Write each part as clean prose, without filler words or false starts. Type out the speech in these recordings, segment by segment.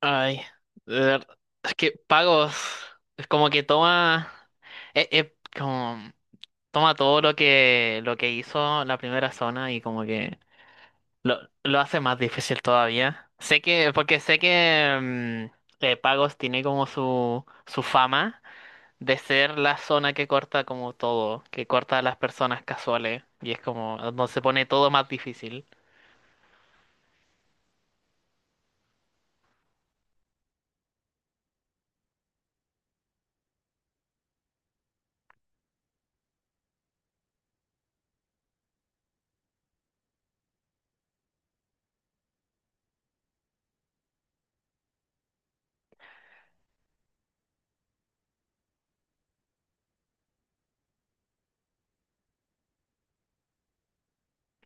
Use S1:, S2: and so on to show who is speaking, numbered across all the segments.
S1: Ay, de ver- es que pagos es como que toma, como toma todo lo que hizo la primera zona y como que lo hace más difícil todavía. Sé que, porque sé que Pagos tiene como su fama de ser la zona que corta como todo, que corta a las personas casuales y es como donde se pone todo más difícil.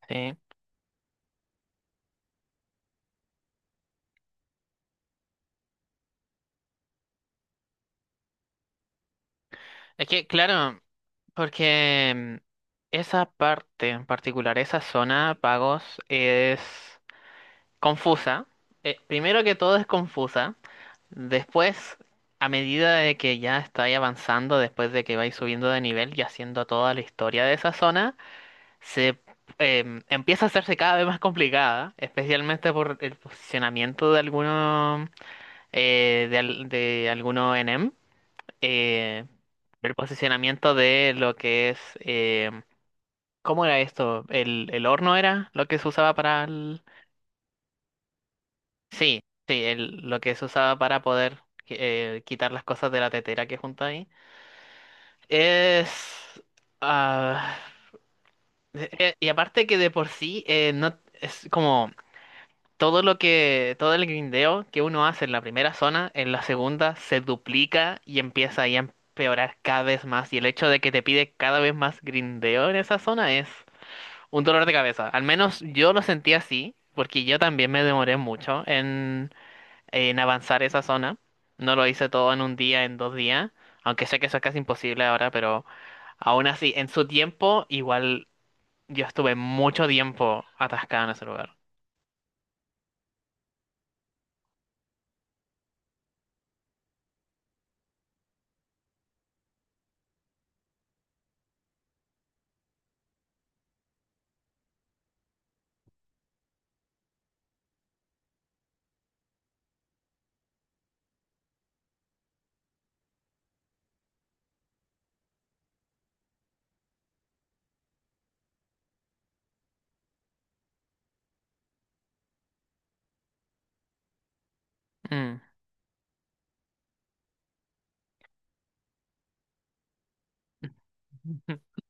S1: Sí. Es que, claro. Porque esa parte en particular, esa zona de pagos, es confusa. Primero que todo es confusa. Después, a medida de que ya estáis avanzando, después de que vais subiendo de nivel y haciendo toda la historia de esa zona, se empieza a hacerse cada vez más complicada, especialmente por el posicionamiento de algunos de, al- de algunos enem, eh, el posicionamiento de lo que es ¿cómo era esto? El horno era lo que se usaba para el... Sí, sí, lo que se usaba para poder quitar las cosas de la tetera que junta ahí. Es... ah, y aparte que de por sí, no, es como todo lo que... Todo el grindeo que uno hace en la primera zona, en la segunda se duplica y empieza ahí a empeorar cada vez más. Y el hecho de que te pide cada vez más grindeo en esa zona es... Un dolor de cabeza. Al menos yo lo sentí así, porque yo también me demoré mucho en avanzar esa zona. No lo hice todo en un día, en dos días, aunque sé que eso es casi imposible ahora, pero aún así, en su tiempo, igual yo estuve mucho tiempo atascado en ese lugar. Mm.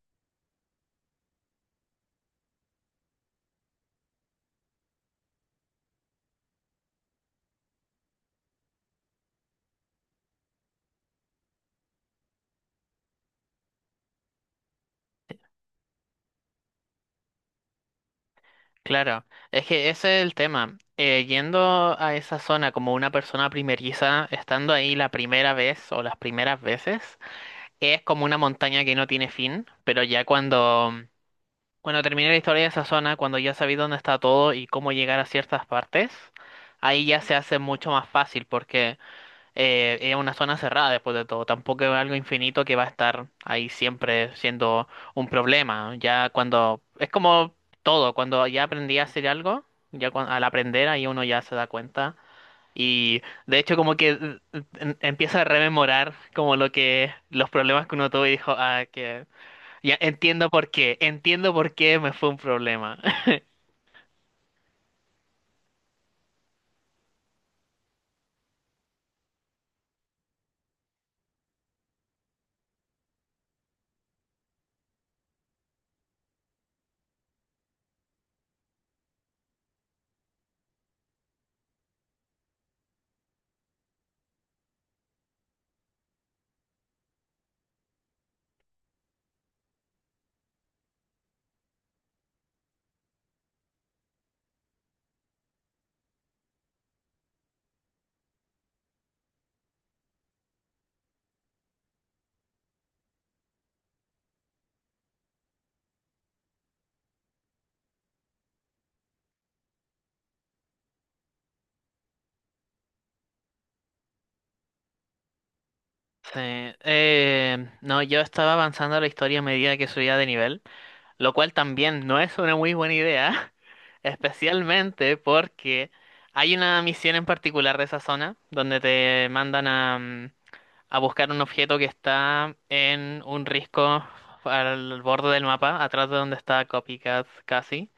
S1: Claro, es que ese es el tema. Yendo a esa zona como una persona primeriza, estando ahí la primera vez o las primeras veces, es como una montaña que no tiene fin, pero ya cuando, cuando terminé la historia de esa zona, cuando ya sabí dónde está todo y cómo llegar a ciertas partes, ahí ya se hace mucho más fácil porque es una zona cerrada después de todo, tampoco es algo infinito que va a estar ahí siempre siendo un problema. Ya cuando, es como todo, cuando ya aprendí a hacer algo, al aprender ahí uno ya se da cuenta y de hecho como que empieza a rememorar como lo que los problemas que uno tuvo y dijo, ah, que ya entiendo por qué me fue un problema. Sí, no, yo estaba avanzando la historia a medida que subía de nivel, lo cual también no es una muy buena idea, especialmente porque hay una misión en particular de esa zona donde te mandan a... a buscar un objeto que está en un risco al borde del mapa, atrás de donde está Copycat casi.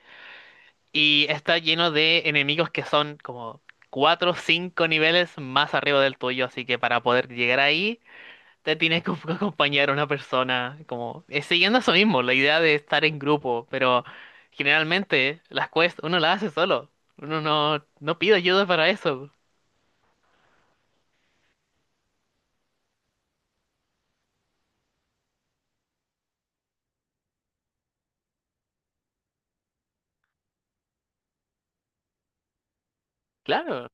S1: Y está lleno de enemigos que son como 4 o 5 niveles más arriba del tuyo, así que para poder llegar ahí te tienes que acompañar a una persona, como siguiendo eso mismo, la idea de estar en grupo, pero generalmente las quests uno las hace solo, uno no, no pide ayuda para eso. Claro,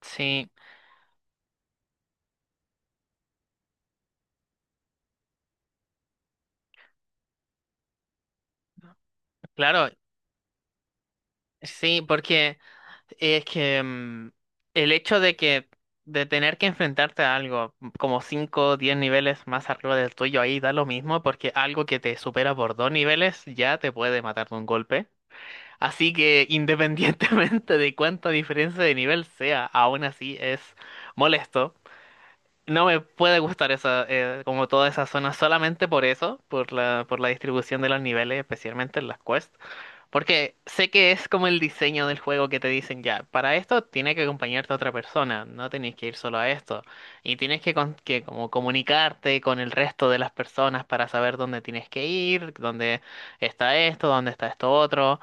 S1: sí, claro, sí, porque... Es que el hecho de que de tener que enfrentarte a algo como 5, o 10 niveles más arriba del tuyo ahí da lo mismo porque algo que te supera por 2 niveles ya te puede matar de un golpe. Así que independientemente de cuánta diferencia de nivel sea, aún así es molesto. No me puede gustar esa como toda esa zona solamente por eso, por la distribución de los niveles, especialmente en las quests. Porque sé que es como el diseño del juego que te dicen ya, para esto tiene que acompañarte otra persona, no tenés que ir solo a esto. Y tienes que, como comunicarte con el resto de las personas para saber dónde tienes que ir, dónde está esto otro,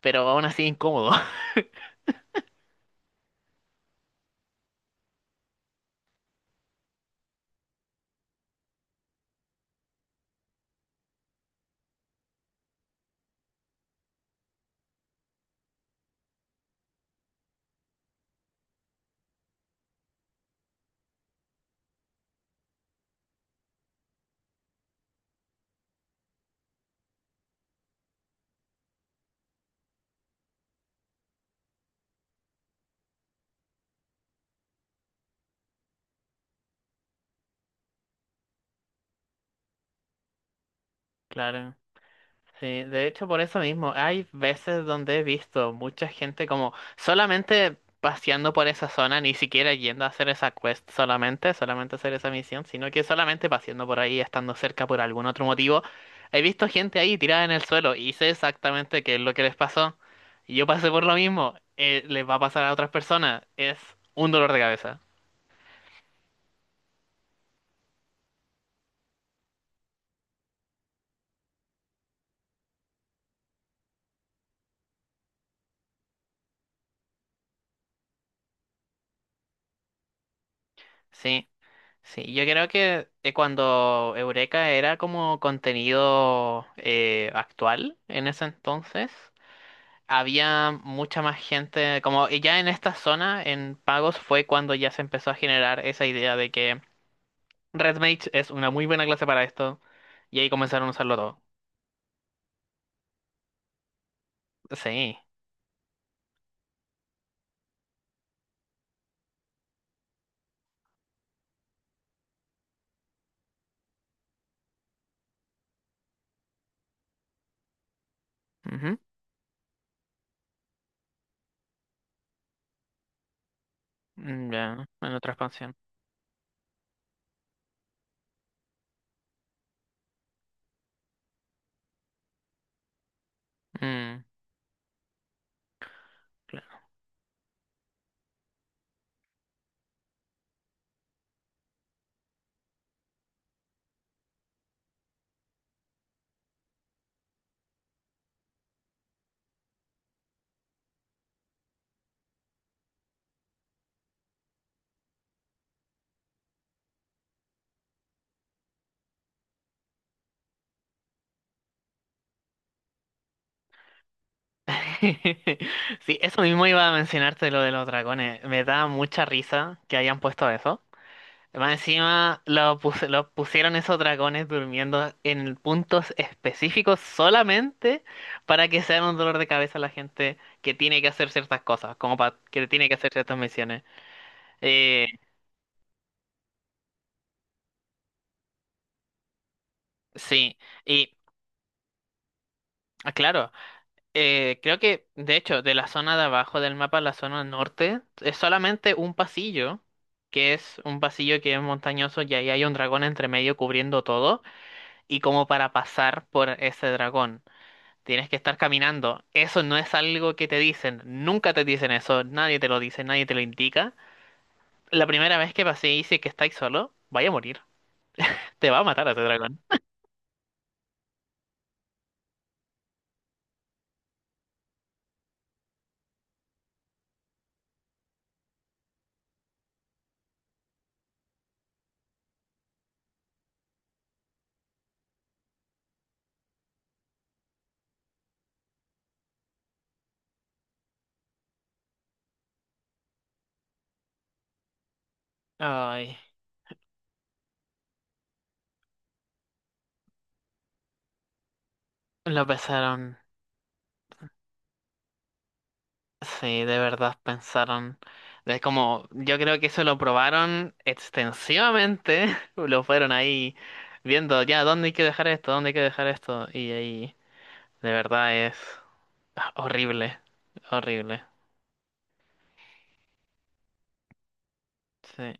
S1: pero aún así incómodo. Claro. Sí, de hecho por eso mismo, hay veces donde he visto mucha gente como solamente paseando por esa zona, ni siquiera yendo a hacer esa quest solamente, solamente hacer esa misión, sino que solamente paseando por ahí, estando cerca por algún otro motivo, he visto gente ahí tirada en el suelo y sé exactamente qué es lo que les pasó. Y yo pasé por lo mismo, les va a pasar a otras personas, es un dolor de cabeza. Sí, sí, yo creo que cuando Eureka era como contenido actual en ese entonces, había mucha más gente, como y ya en esta zona, en pagos, fue cuando ya se empezó a generar esa idea de que RedMage es una muy buena clase para esto, y ahí comenzaron a usarlo todo. Sí. Ujú. Mm, ya, en otra expansión. Mm, claro. Sí, eso mismo iba a mencionarte lo de los dragones. Me da mucha risa que hayan puesto eso. Más encima lo pusieron esos dragones durmiendo en puntos específicos solamente para que sean un dolor de cabeza a la gente que tiene que hacer ciertas cosas, como para que tiene que hacer ciertas misiones. Eh, sí, y ah, claro, creo que de hecho de la zona de abajo del mapa, a la zona norte, es solamente un pasillo, que es un pasillo que es montañoso y ahí hay un dragón entre medio cubriendo todo y como para pasar por ese dragón. Tienes que estar caminando. Eso no es algo que te dicen. Nunca te dicen eso. Nadie te lo dice, nadie te lo indica. La primera vez que pasé y si es que estáis solo, vaya a morir. Te va a matar a tu dragón. Ay, lo pensaron. Sí, de verdad pensaron. Es como, yo creo que eso lo probaron extensivamente. Lo fueron ahí viendo, ya, ¿dónde hay que dejar esto? ¿Dónde hay que dejar esto? Y ahí, de verdad es horrible. Horrible. Sí.